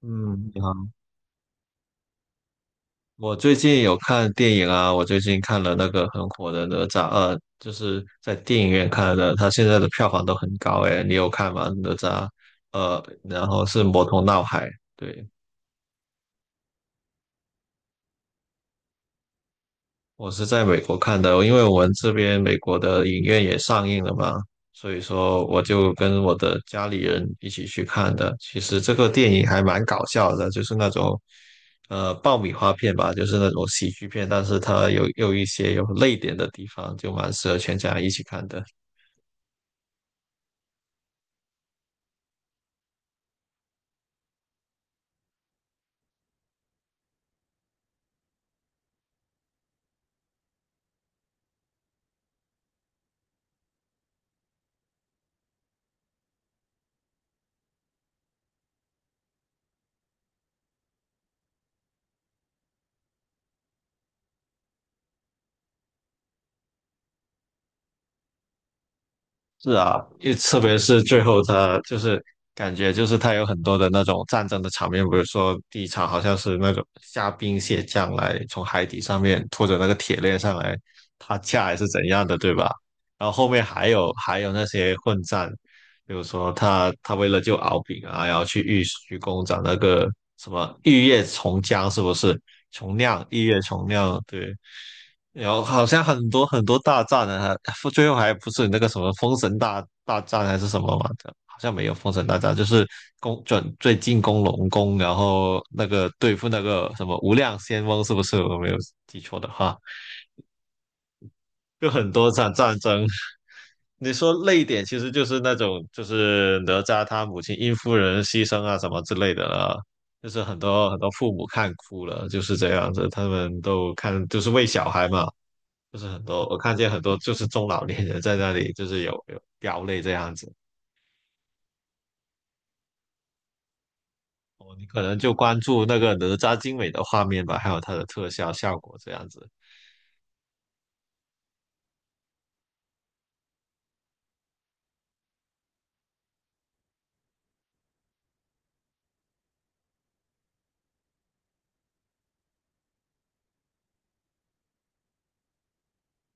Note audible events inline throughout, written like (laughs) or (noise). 嗯，你好。我最近有看电影啊，我最近看了那个很火的《哪吒二》，就是在电影院看的，它现在的票房都很高诶，你有看吗？哪吒，然后是《魔童闹海》。对，我是在美国看的，因为我们这边美国的影院也上映了嘛，所以说我就跟我的家里人一起去看的。其实这个电影还蛮搞笑的，就是那种爆米花片吧，就是那种喜剧片，但是它有一些有泪点的地方，就蛮适合全家一起看的。是啊，因为特别是最后他就是感觉就是他有很多的那种战争的场面，比如说第一场好像是那种虾兵蟹将来从海底上面拖着那个铁链上来他架还是怎样的，对吧？然后后面还有那些混战，比如说他为了救敖丙啊，然后去玉虚宫找那个什么玉液琼浆是不是？琼酿玉液琼酿，对。有好像很多很多大战呢，还最后还不是那个什么封神大战还是什么嘛的，好像没有封神大战，就是攻准最进攻龙宫，然后那个对付那个什么无量仙翁，是不是？我没有记错的话，就很多场战争。你说累点，其实就是那种就是哪吒他母亲殷夫人牺牲啊什么之类的了，就是很多很多父母看哭了，就是这样子，他们都看就是为小孩嘛。就是很多，我看见很多就是中老年人在那里，就是有飙泪这样子。哦，你可能就关注那个哪吒精美的画面吧，还有它的特效效果这样子。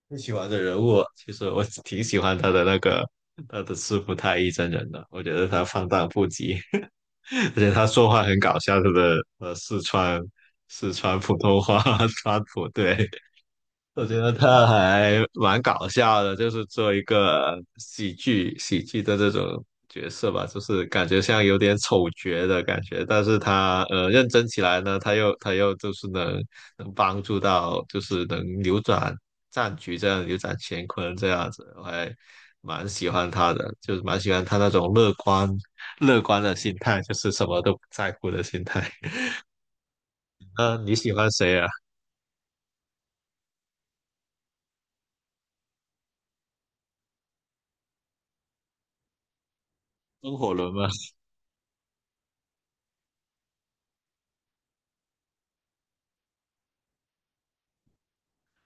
你喜欢的人物，其实我挺喜欢他的那个他的师傅太乙真人的，我觉得他放荡不羁，(laughs) 而且他说话很搞笑，他的四川四川普通话 (laughs) 川普，对。我觉得他还蛮搞笑的，就是做一个喜剧的这种角色吧，就是感觉像有点丑角的感觉，但是他认真起来呢，他又就是能能帮助到，就是能扭转战局这样，扭转乾坤这样子，我还蛮喜欢他的，就是蛮喜欢他那种乐观的心态，就是什么都不在乎的心态。(laughs) 嗯，你喜欢谁啊？风火轮吗？(laughs)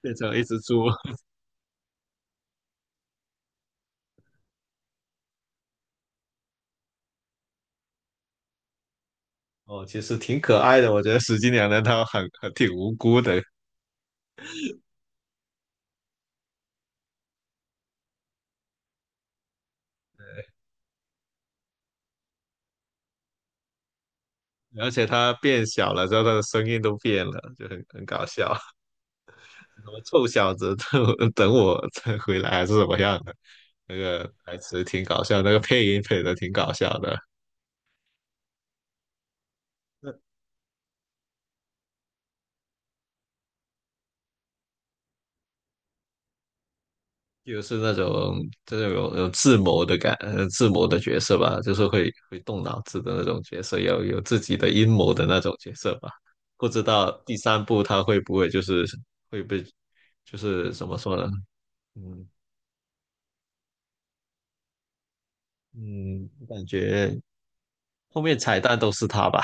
变成一只猪。哦，其实挺可爱的，我觉得石金娘娘她很很挺无辜的，而且她变小了之后，她的声音都变了，就很很搞笑。(laughs) 什么臭小子，等等我再回来还是怎么样的？那个台词挺搞笑，那个配音配的挺搞笑的。就是那种就是有有智谋的感，智谋的角色吧，就是会会动脑子的那种角色，有有自己的阴谋的那种角色吧。不知道第三部他会不会就是会被，就是怎么说呢？嗯嗯，感觉后面彩蛋都是他吧？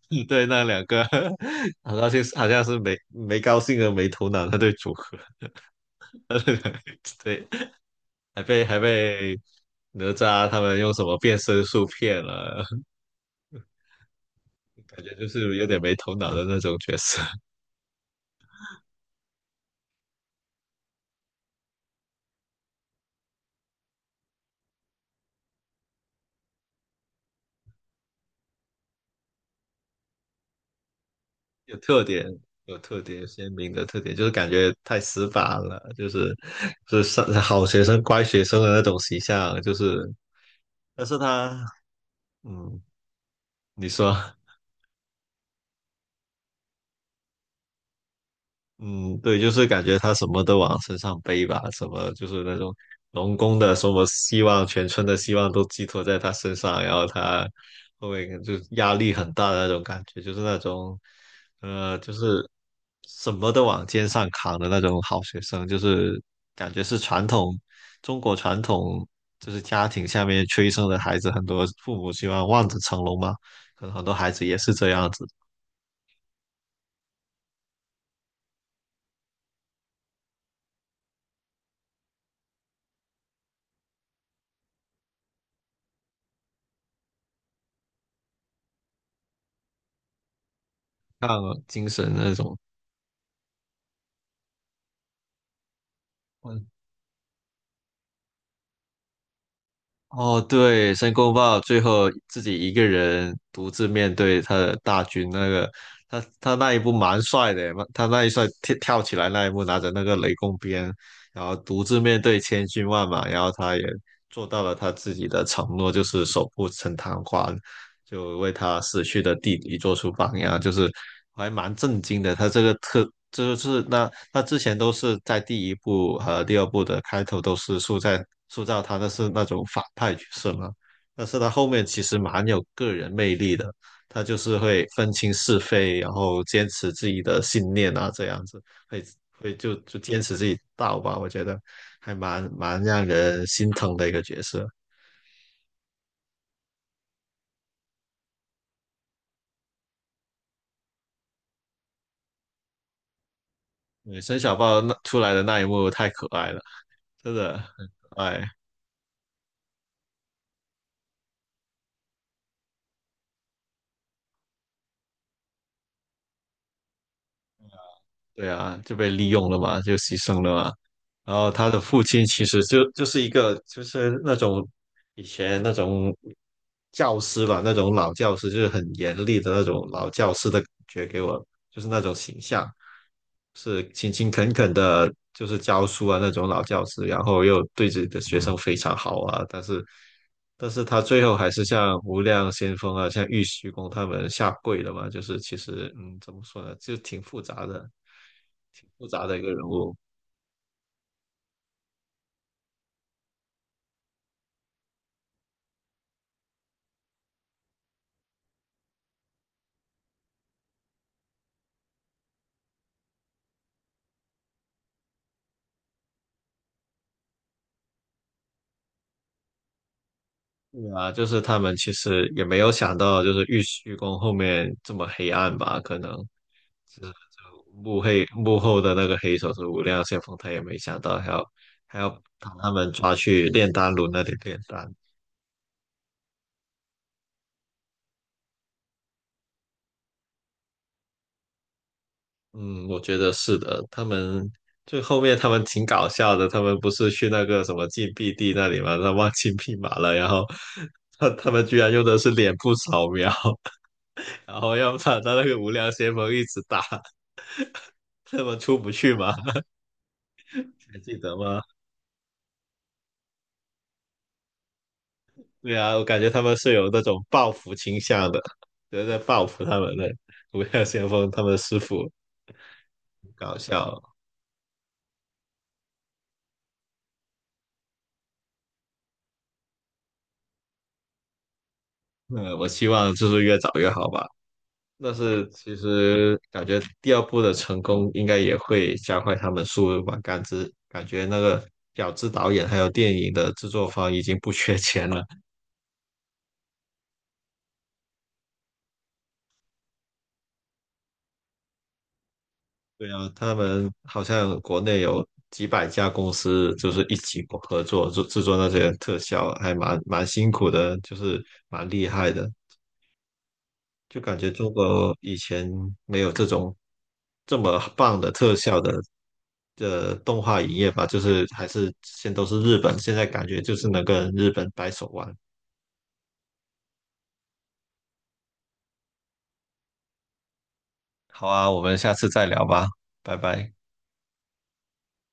(laughs) 对，那两个 (laughs) 好像兴，是好像是没没高兴和没头脑那对组合，(laughs) 对，还被哪吒他们用什么变身术骗了。感觉就是有点没头脑的那种角色。(laughs) 有特点，有特点，有鲜明的特点，就是感觉太死板了，就是就是上好学生、乖学生的那种形象，就是，但是他，嗯，你说，(laughs) 嗯，对，就是感觉他什么都往身上背吧，什么就是那种农工的什么希望，全村的希望都寄托在他身上，然后他后面就压力很大的那种感觉，就是那种，就是什么都往肩上扛的那种好学生，就是感觉是传统中国传统就是家庭下面催生的孩子，很多父母希望望子成龙嘛，可能很多孩子也是这样子，像精神那种。哦，对，申公豹最后自己一个人独自面对他的大军，那个他那一步蛮帅的，他那一帅跳跳起来那一幕，拿着那个雷公鞭，然后独自面对千军万马，然后他也做到了他自己的承诺，就是守护陈塘关。就为他死去的弟弟做出榜样，就是我还蛮震惊的。他这个特就是那他之前都是在第一部和第二部的开头都是塑造他的是那种反派角色嘛，但是他后面其实蛮有个人魅力的，他就是会分清是非，然后坚持自己的信念啊，这样子会会就就坚持自己道吧，我觉得还蛮蛮让人心疼的一个角色。对，申小豹那出来的那一幕太可爱了。真的很可爱，对啊，就被利用了嘛，就牺牲了嘛。然后他的父亲其实就就是一个就是那种以前那种教师吧，那种老教师，就是很严厉的那种老教师的感觉给我，就是那种形象。是勤勤恳恳的，就是教书啊那种老教师，然后又对自己的学生非常好啊，但是，但是他最后还是像无量先锋啊，像玉虚宫他们下跪了嘛，就是其实嗯，怎么说呢，就挺复杂的，挺复杂的一个人物。对啊，就是他们其实也没有想到，就是玉虚宫后面这么黑暗吧？可能是就幕黑幕后的那个黑手是无量先锋，他也没想到还要把他们抓去炼丹炉那里炼丹。嗯，我觉得是的，他们最后面他们挺搞笑的，他们不是去那个什么禁闭地那里嘛，他忘记密码了，然后他们居然用的是脸部扫描，(laughs) 然后要把他那个无量先锋一直打，他们出不去嘛。还记得吗？对啊，我感觉他们是有那种报复倾向的，就是在报复他们的无量先锋他们的师傅，搞笑。嗯，我希望就是越早越好吧。但是其实感觉第二部的成功应该也会加快他们速度吧，感知感觉那个饺子导演还有电影的制作方已经不缺钱了。对啊，他们好像国内有几百家公司，就是一起合作制制作那些特效，还蛮蛮辛苦的，就是蛮厉害的。就感觉中国以前没有这种这么棒的特效的的动画影业吧，就是还是现都是日本，现在感觉就是能跟日本掰手腕。好啊，我们下次再聊吧，拜拜。